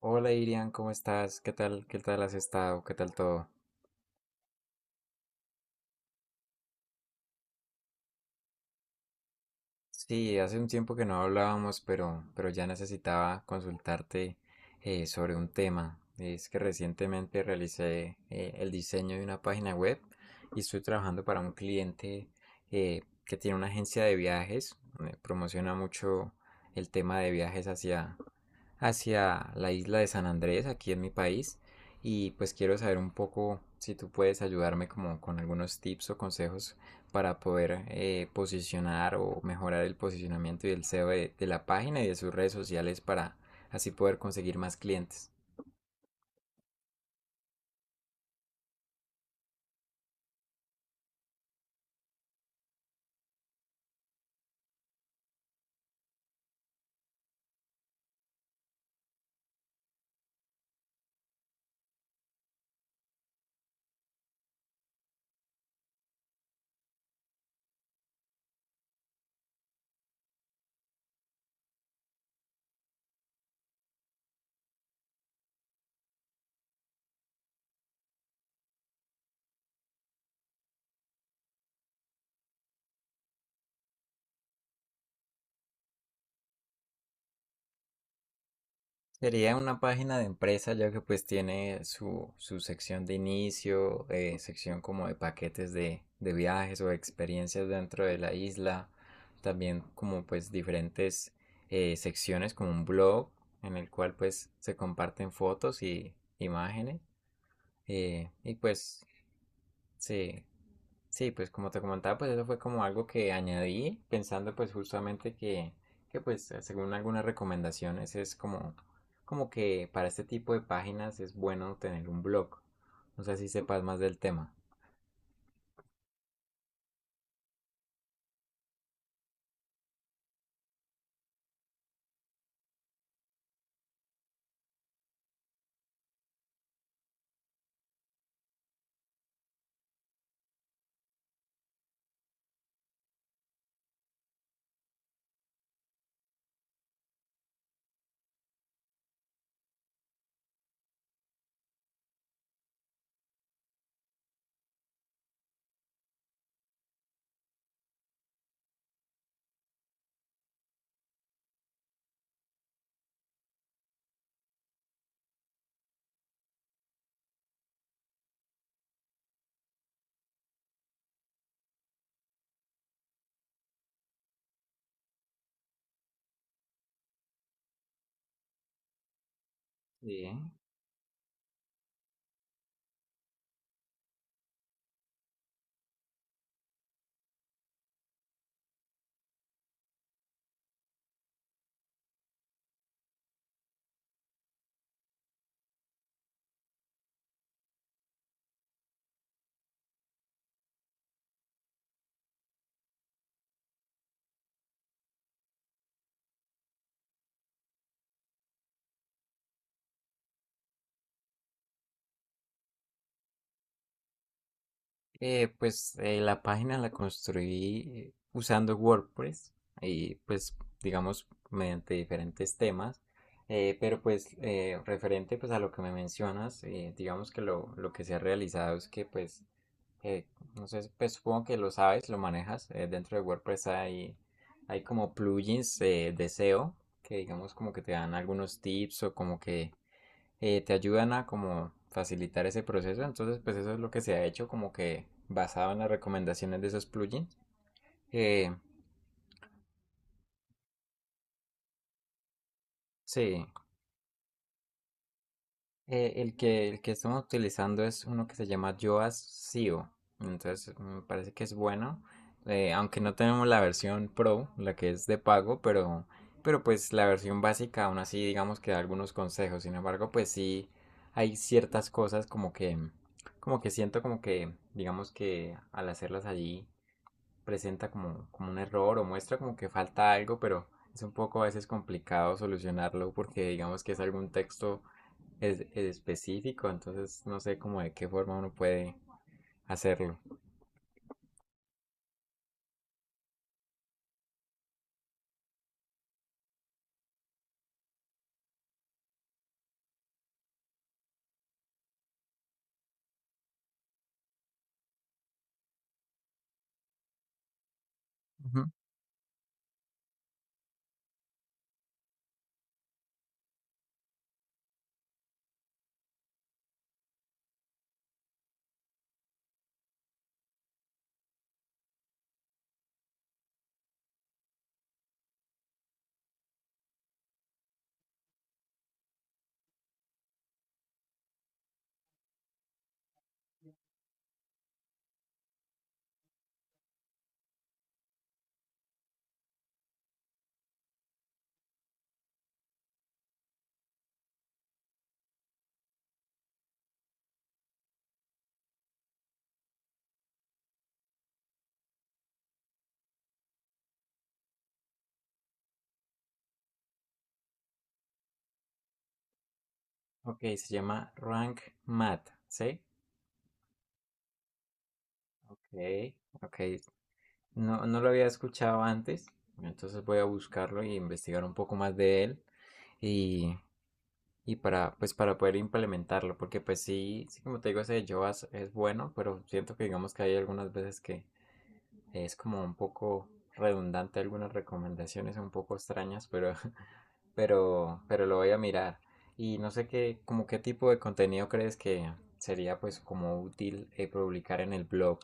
Hola Irian, ¿cómo estás? ¿Qué tal? ¿Qué tal has estado? ¿Qué tal todo? Sí, hace un tiempo que no hablábamos, pero ya necesitaba consultarte sobre un tema. Es que recientemente realicé el diseño de una página web y estoy trabajando para un cliente que tiene una agencia de viajes. Promociona mucho el tema de viajes hacia la isla de San Andrés, aquí en mi país. Y pues quiero saber un poco si tú puedes ayudarme como con algunos tips o consejos para poder posicionar o mejorar el posicionamiento y el SEO de la página y de sus redes sociales para así poder conseguir más clientes. Sería una página de empresa ya que pues tiene su sección de inicio, sección como de paquetes de viajes o experiencias dentro de la isla, también como pues diferentes secciones como un blog en el cual pues se comparten fotos y imágenes eh, y pues Sí. Sí, pues como te comentaba, pues eso fue como algo que añadí pensando pues justamente que pues según algunas recomendaciones es como que para este tipo de páginas es bueno tener un blog. No sé si sepas más del tema. Sí. La página la construí usando WordPress y pues digamos mediante diferentes temas, pero pues referente pues a lo que me mencionas, digamos que lo que se ha realizado es que pues eh, no sé, pues supongo que lo sabes, lo manejas. Dentro de WordPress hay como plugins de SEO que digamos como que te dan algunos tips o como que te ayudan a como facilitar ese proceso. Entonces, pues eso es lo que se ha hecho, como que basado en las recomendaciones de esos plugins. Eh, sí, el que estamos utilizando es uno que se llama Yoast SEO. Entonces, me parece que es bueno. Aunque no tenemos la versión Pro, la que es de pago, pero pues la versión básica aún así digamos que da algunos consejos. Sin embargo, pues sí hay ciertas cosas como como que siento como que digamos que al hacerlas allí presenta como un error o muestra como que falta algo, pero es un poco a veces complicado solucionarlo porque digamos que es algún texto es específico, entonces no sé cómo de qué forma uno puede hacerlo. Ujú. Ok, se llama Rank Math, ¿sí? Ok, ok. No, no lo había escuchado antes, entonces voy a buscarlo y investigar un poco más de él. Y y para pues para poder implementarlo, porque pues sí como te digo, ese de Joas es bueno, pero siento que digamos que hay algunas veces que es como un poco redundante algunas recomendaciones un poco extrañas, pero pero lo voy a mirar. Y no sé qué como qué tipo de contenido crees que sería pues como útil publicar en el blog.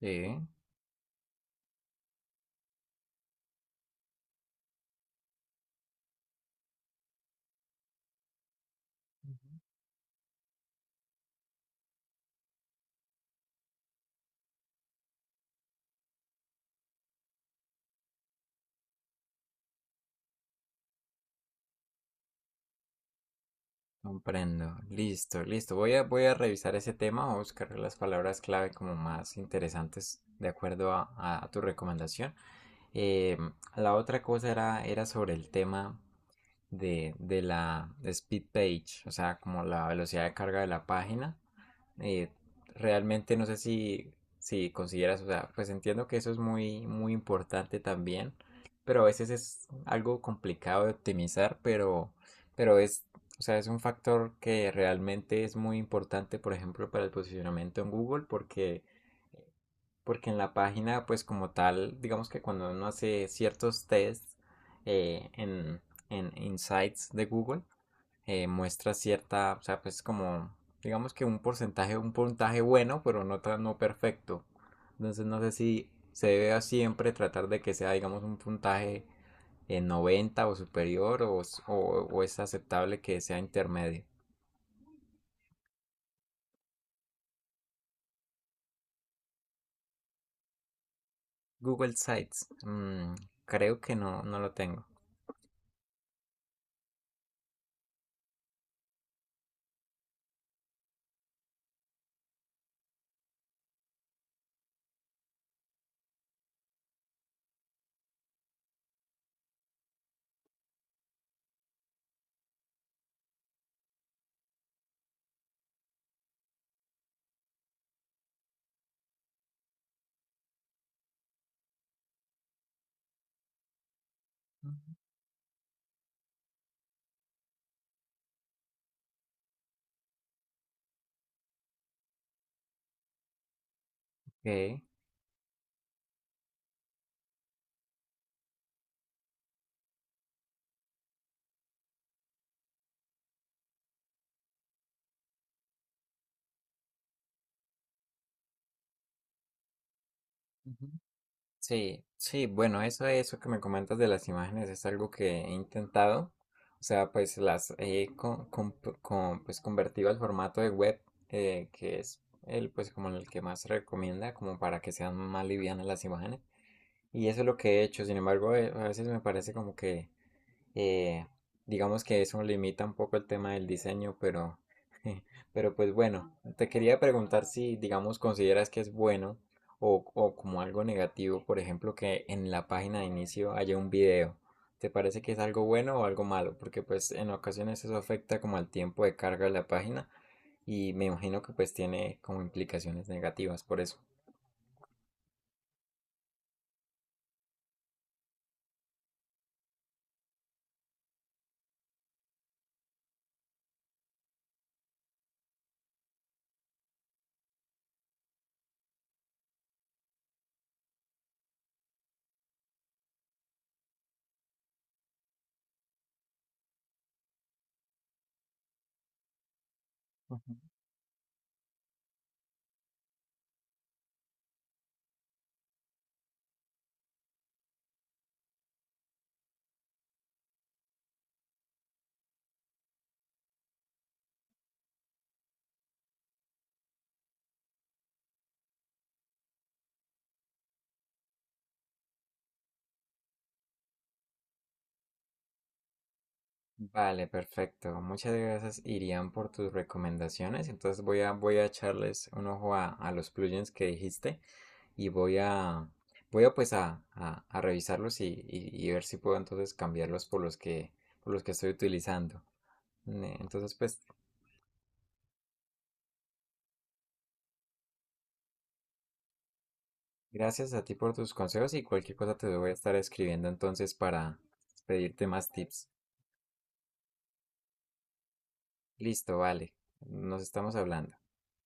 Sí, comprendo. Listo, listo. Voy a revisar ese tema, voy a buscar las palabras clave como más interesantes de acuerdo a tu recomendación. Eh, la otra cosa era sobre el tema de la speed page, o sea, como la velocidad de carga de la página. Eh, Realmente no sé si consideras, o sea, pues entiendo que eso es muy, muy importante también, pero a veces es algo complicado de optimizar, pero es, o sea, es un factor que realmente es muy importante, por ejemplo, para el posicionamiento en Google, porque en la página, pues como tal, digamos que cuando uno hace ciertos tests eh, en, en Insights de Google, muestra cierta, o sea, pues como, digamos que un porcentaje, un puntaje bueno, pero no perfecto. Entonces no sé si se debe siempre tratar de que sea, digamos, un puntaje en 90 o superior o, o es aceptable que sea intermedio. Google Sites, mm, creo que no, no lo tengo. Ok. Ujú. Sí, sí, bueno, eso que me comentas de las imágenes es algo que he intentado. O sea, pues las he pues, convertido al formato de web, que es el, pues, como el que más se recomienda, como para que sean más livianas las imágenes. Y eso es lo que he hecho. Sin embargo, a veces me parece como que eh, digamos que eso limita un poco el tema del diseño, pero pues bueno, te quería preguntar si, digamos, consideras que es bueno o como algo negativo, por ejemplo, que en la página de inicio haya un video. ¿Te parece que es algo bueno o algo malo? Porque pues en ocasiones eso afecta como al tiempo de carga de la página y me imagino que pues tiene como implicaciones negativas por eso. Vale, perfecto. Muchas gracias, Irían, por tus recomendaciones. Entonces voy a echarles un ojo a los plugins que dijiste y voy a pues a revisarlos y ver si puedo entonces cambiarlos por por los que estoy utilizando. Entonces, gracias a ti por tus consejos y cualquier cosa te voy a estar escribiendo entonces para pedirte más tips. Listo, vale. Nos estamos hablando.